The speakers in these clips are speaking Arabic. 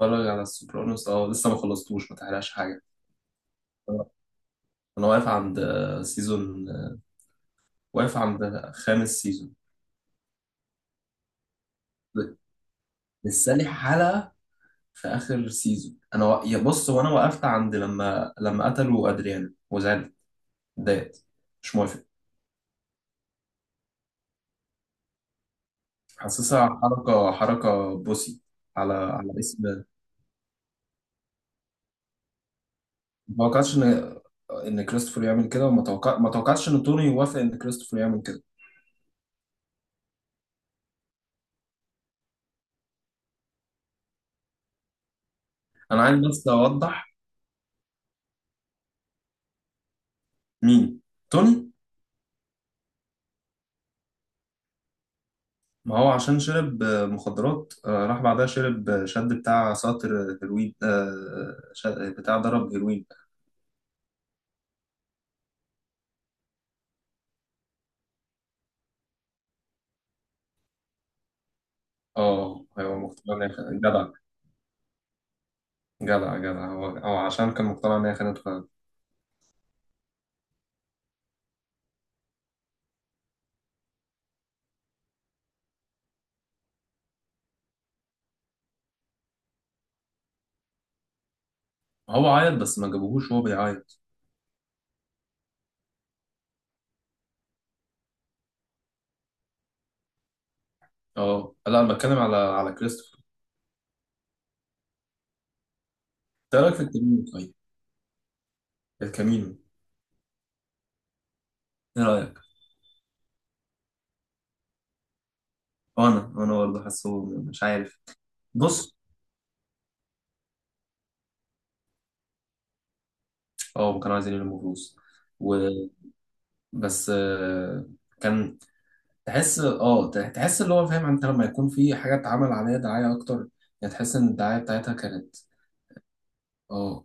اتفرج على السوبرانوس، اه، لسه ما خلصتوش، ما تحرقش حاجه. آه، انا واقف عند سيزون، واقف عند خامس سيزون. لسه لي حلقه في اخر سيزون، يا بص، وانا وقفت عند لما قتلوا ادريانا وزعلت. اتضايقت. مش موافق. حاسسها حركه حركه بوسي، على اسم. ما توقعتش ان كريستوفر يعمل كده، ما توقعتش ان توني يوافق ان كريستوفر يعمل كده. انا عايز بس اوضح. مين؟ توني؟ ما هو عشان شرب مخدرات، راح بعدها شرب، شد بتاع ساطر هيروين، بتاع ضرب هيروين. اه، هو مقتنع ان هي جدع. جدع، جدع، هو هو عشان كان مقتنع ان هي خانته فعلا. هو عيط بس ما جابوهوش وهو بيعيط. اه، لا، انا بتكلم على كريستوفر. ايه رايك في الكامينو؟ طيب. الكامينو؟ ايه رايك؟ انا برضه حاسه، مش عارف. بص. اه، كانوا عايزين يلموا فلوس وبس. كان تحس اللي هو فاهم، انت لما يكون في حاجة اتعمل عليها دعاية اكتر، يعني تحس ان الدعاية بتاعتها كانت اه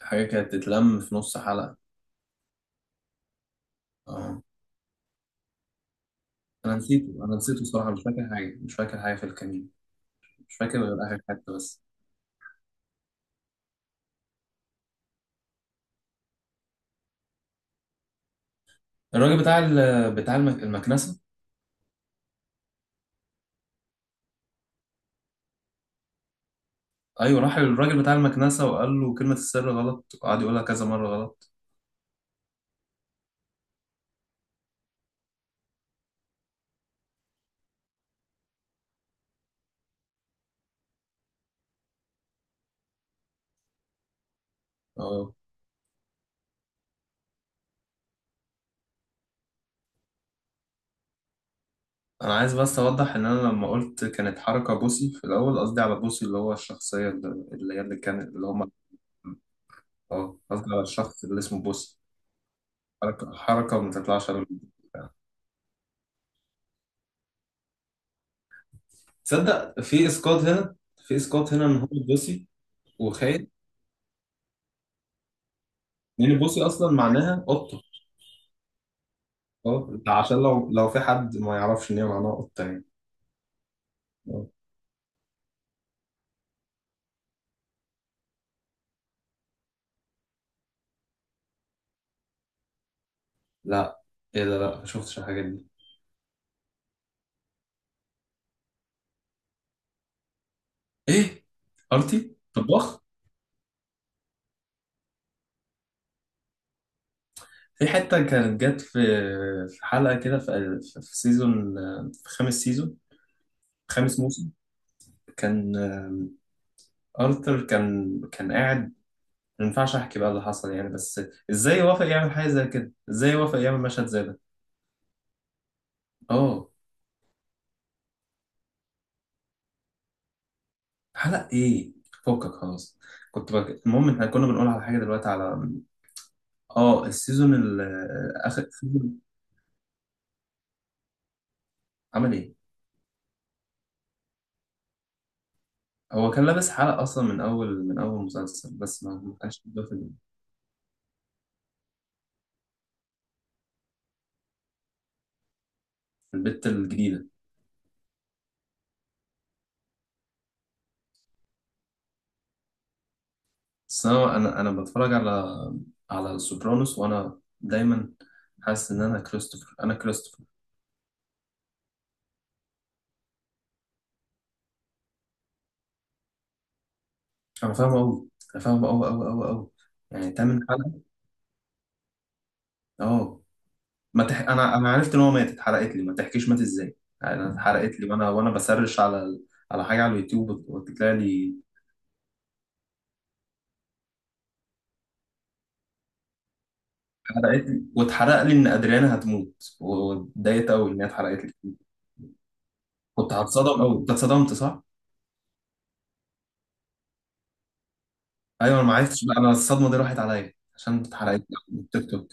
حاجة كانت تتلم في نص حلقة. اه، انا نسيته، انا نسيته الصراحة، مش فاكر حاجة، مش فاكر حاجة في الكمين، مش فاكر غير اخر حتة بس. الراجل بتاع بتاع المكنسة. ايوه، راح للراجل بتاع المكنسة وقال له كلمة السر غلط، وقعد يقولها كذا مرة غلط. اه، انا عايز بس اوضح ان انا لما قلت كانت حركة بوسي في الاول، قصدي على بوسي اللي هو الشخصية اللي هي اللي كانت اللي هم. اه، قصدي على الشخص اللي اسمه بوس. حركة حركة، ما تطلعش على البتاع. تصدق في اسقاط هنا، في اسقاط هنا ان هو بوسي وخاين، لان بوسي اصلا معناها قطة. اه، ده عشان لو في حد ما يعرفش ان هي معناها قطة يعني. آه. لا. ايه ده؟ لا، ما شفتش الحاجات دي. ايه؟ ارتي طباخ؟ في حتة كانت جت في حلقة كده، في سيزون، في خامس سيزون، خامس موسم. كان آه، ارثر كان قاعد. ما ينفعش احكي بقى اللي حصل يعني، بس ازاي وافق يعمل حاجه زي كده؟ ازاي وافق يعمل مشهد زي ده؟ اه. حلق ايه؟ فكك خلاص. المهم احنا كنا بنقول على حاجه دلوقتي، على اه السيزون ال... اخر سيزون. عمل ايه؟ هو كان لابس حلق اصلا من اول مسلسل، بس ما كانش موجود في ال- في البت الجديده. بس انا انا أنا بتفرج على السوبرانوس، وانا دايما حاسس ان انا كريستوفر، انا كريستوفر. انا فاهمه قوي، انا فاهمه قوي قوي قوي قوي، يعني تامن حلقه. اه، ما تح... انا عرفت ان هو مات، اتحرقت لي، ما تحكيش مات ازاي. يعني، انا اتحرقت لي، وانا بسرش على على حاجه على اليوتيوب وتطلع لي. اتحرقت لي، واتحرق لي ان ادريانا هتموت، واتضايقت قوي ان هي اتحرقت لي. كنت هتصدم قوي. انت اتصدمت، صح؟ ايوه، انا ما عرفتش بقى، انا الصدمه دي راحت عليا عشان اتحرقت لي من التيك توك.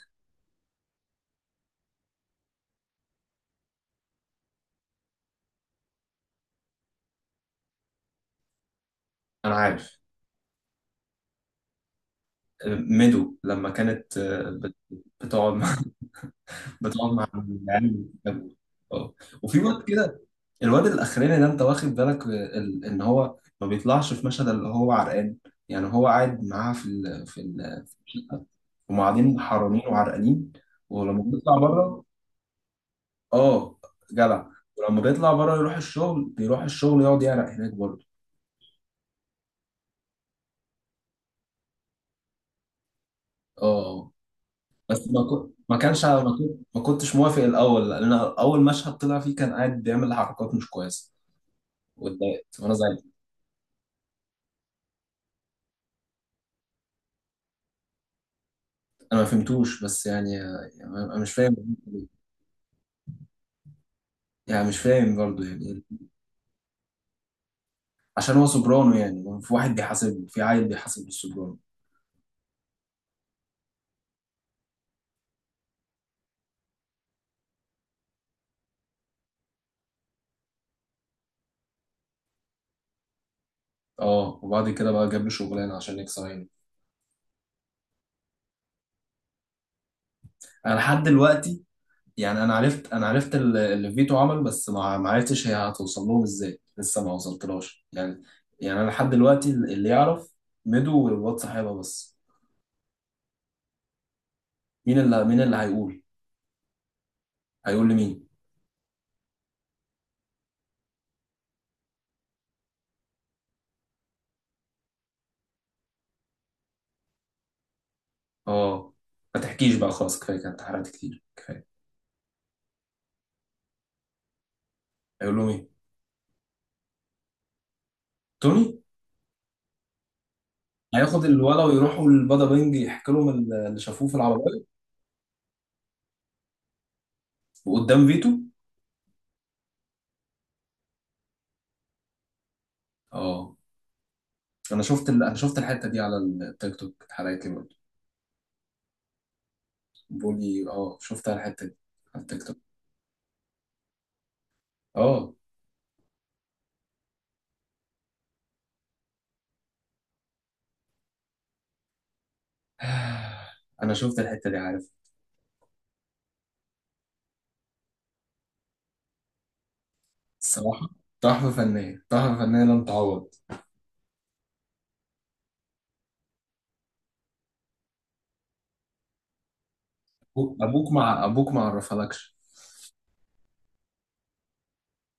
انا عارف. ميدو لما كانت بتقعد مع بتقعد مع العيال. اه، وفي وقت كده الواد الاخراني ده، انت واخد بالك ان هو ما بيطلعش في مشهد اللي هو عرقان، يعني هو قاعد معاها في ال في ال، هم قاعدين حرانين وعرقانين. ولما بيطلع بره، اه، جدع. ولما بيطلع بره يروح الشغل، بيروح الشغل يقعد يعرق هناك برضه. اه، بس ما كنت ما كانش ما كنت ما كنتش موافق الاول، لان اول مشهد طلع فيه كان قاعد بيعمل حركات مش كويسه، واتضايقت وانا زعلت. انا ما فهمتوش بس يعني، انا مش فاهم. يعني مش فاهم برضه يعني. عشان هو سوبرانو يعني، في واحد بيحاسبه، في عيل بيحاسب السوبرانو؟ اه، وبعد كده بقى جاب له شغلانه عشان يكسر عينه. انا لحد دلوقتي يعني، انا عرفت، انا عرفت اللي فيتو عمله، بس ما عرفتش هي هتوصل لهم ازاي، لسه ما وصلتلهاش يعني. يعني انا لحد دلوقتي اللي يعرف ميدو والواد صاحبها بس. مين اللي هيقول؟ هيقول لمين؟ اه، ما تحكيش بقى، خلاص، كفايه، كانت حرقت كتير كفايه. هيقول لهم ايه؟ توني؟ هياخد الولا ويروحوا البادا بينج يحكي لهم اللي شافوه في العربيه؟ وقدام فيتو؟ اه، انا شفت الحته دي على التيك توك، اتحرقت لي برضه. بيقول لي اه، شفتها الحته دي على التيك توك؟ اه. انا شفت الحته دي، عارف. الصراحه، تحفه فنيه، تحفه فنيه لن تعوض. ابوك مع ابوك ما عرفلكش.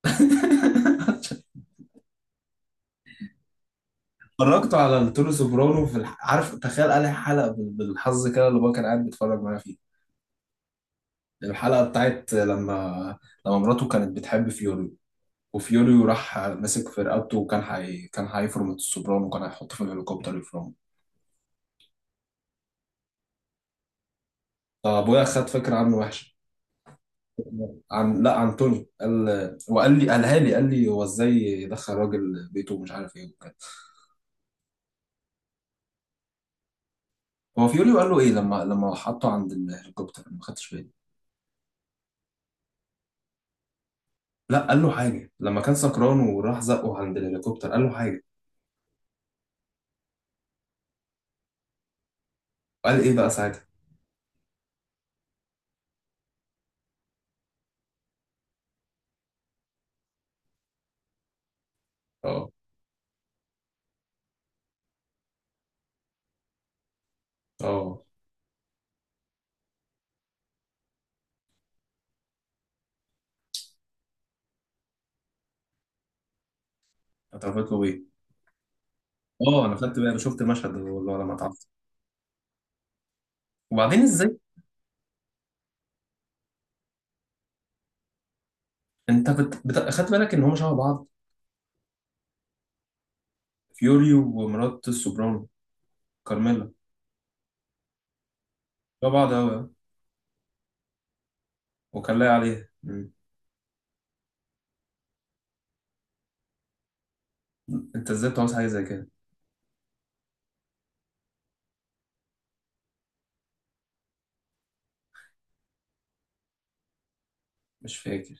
اتفرجت على التونو سوبرانو في عارف، تخيل قال حلقه بالحظ كده اللي هو كان قاعد بيتفرج معايا فيه. الحلقه بتاعت لما مراته كانت بتحب فيوري، وفيوريو راح مسك في رقبته، كان هيفرم السوبرانو، وكان هيحطه في الهليكوبتر يفرمه. فابويا خد فكره عنه وحشه. عن، لا، عن توني. قال، وقال لي، قالها لي، قال لي هو ازاي يدخل راجل بيته ومش عارف ايه وكده. هو فيوريو قال له ايه لما حطه عند الهليكوبتر؟ أنا ما خدتش بالي. لا، قال له حاجه لما كان سكران وراح زقه عند الهليكوبتر، قال له حاجه. وقال ايه بقى ساعتها؟ اه، اه، اتعرفت له ايه؟ اه، انا خدت بالي، انا شفت المشهد ده والله لما اتعرفت. وبعدين ازاي؟ انت خدت بالك ان هم شبه بعض؟ فيوري ومرات السوبرانو، كارميلا. لا، بعض أوي، أه. وكان لاقي عليها. مم. أنت إزاي بتعوز حاجة زي كده؟ مش فاكر.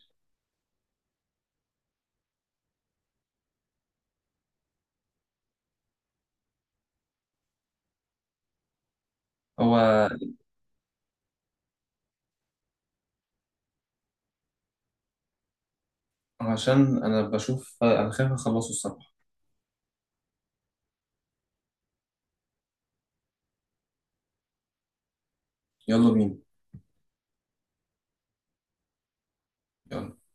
هو عشان أنا بشوف، أنا خايف أخلصه الصراحة. يلا بينا. يلا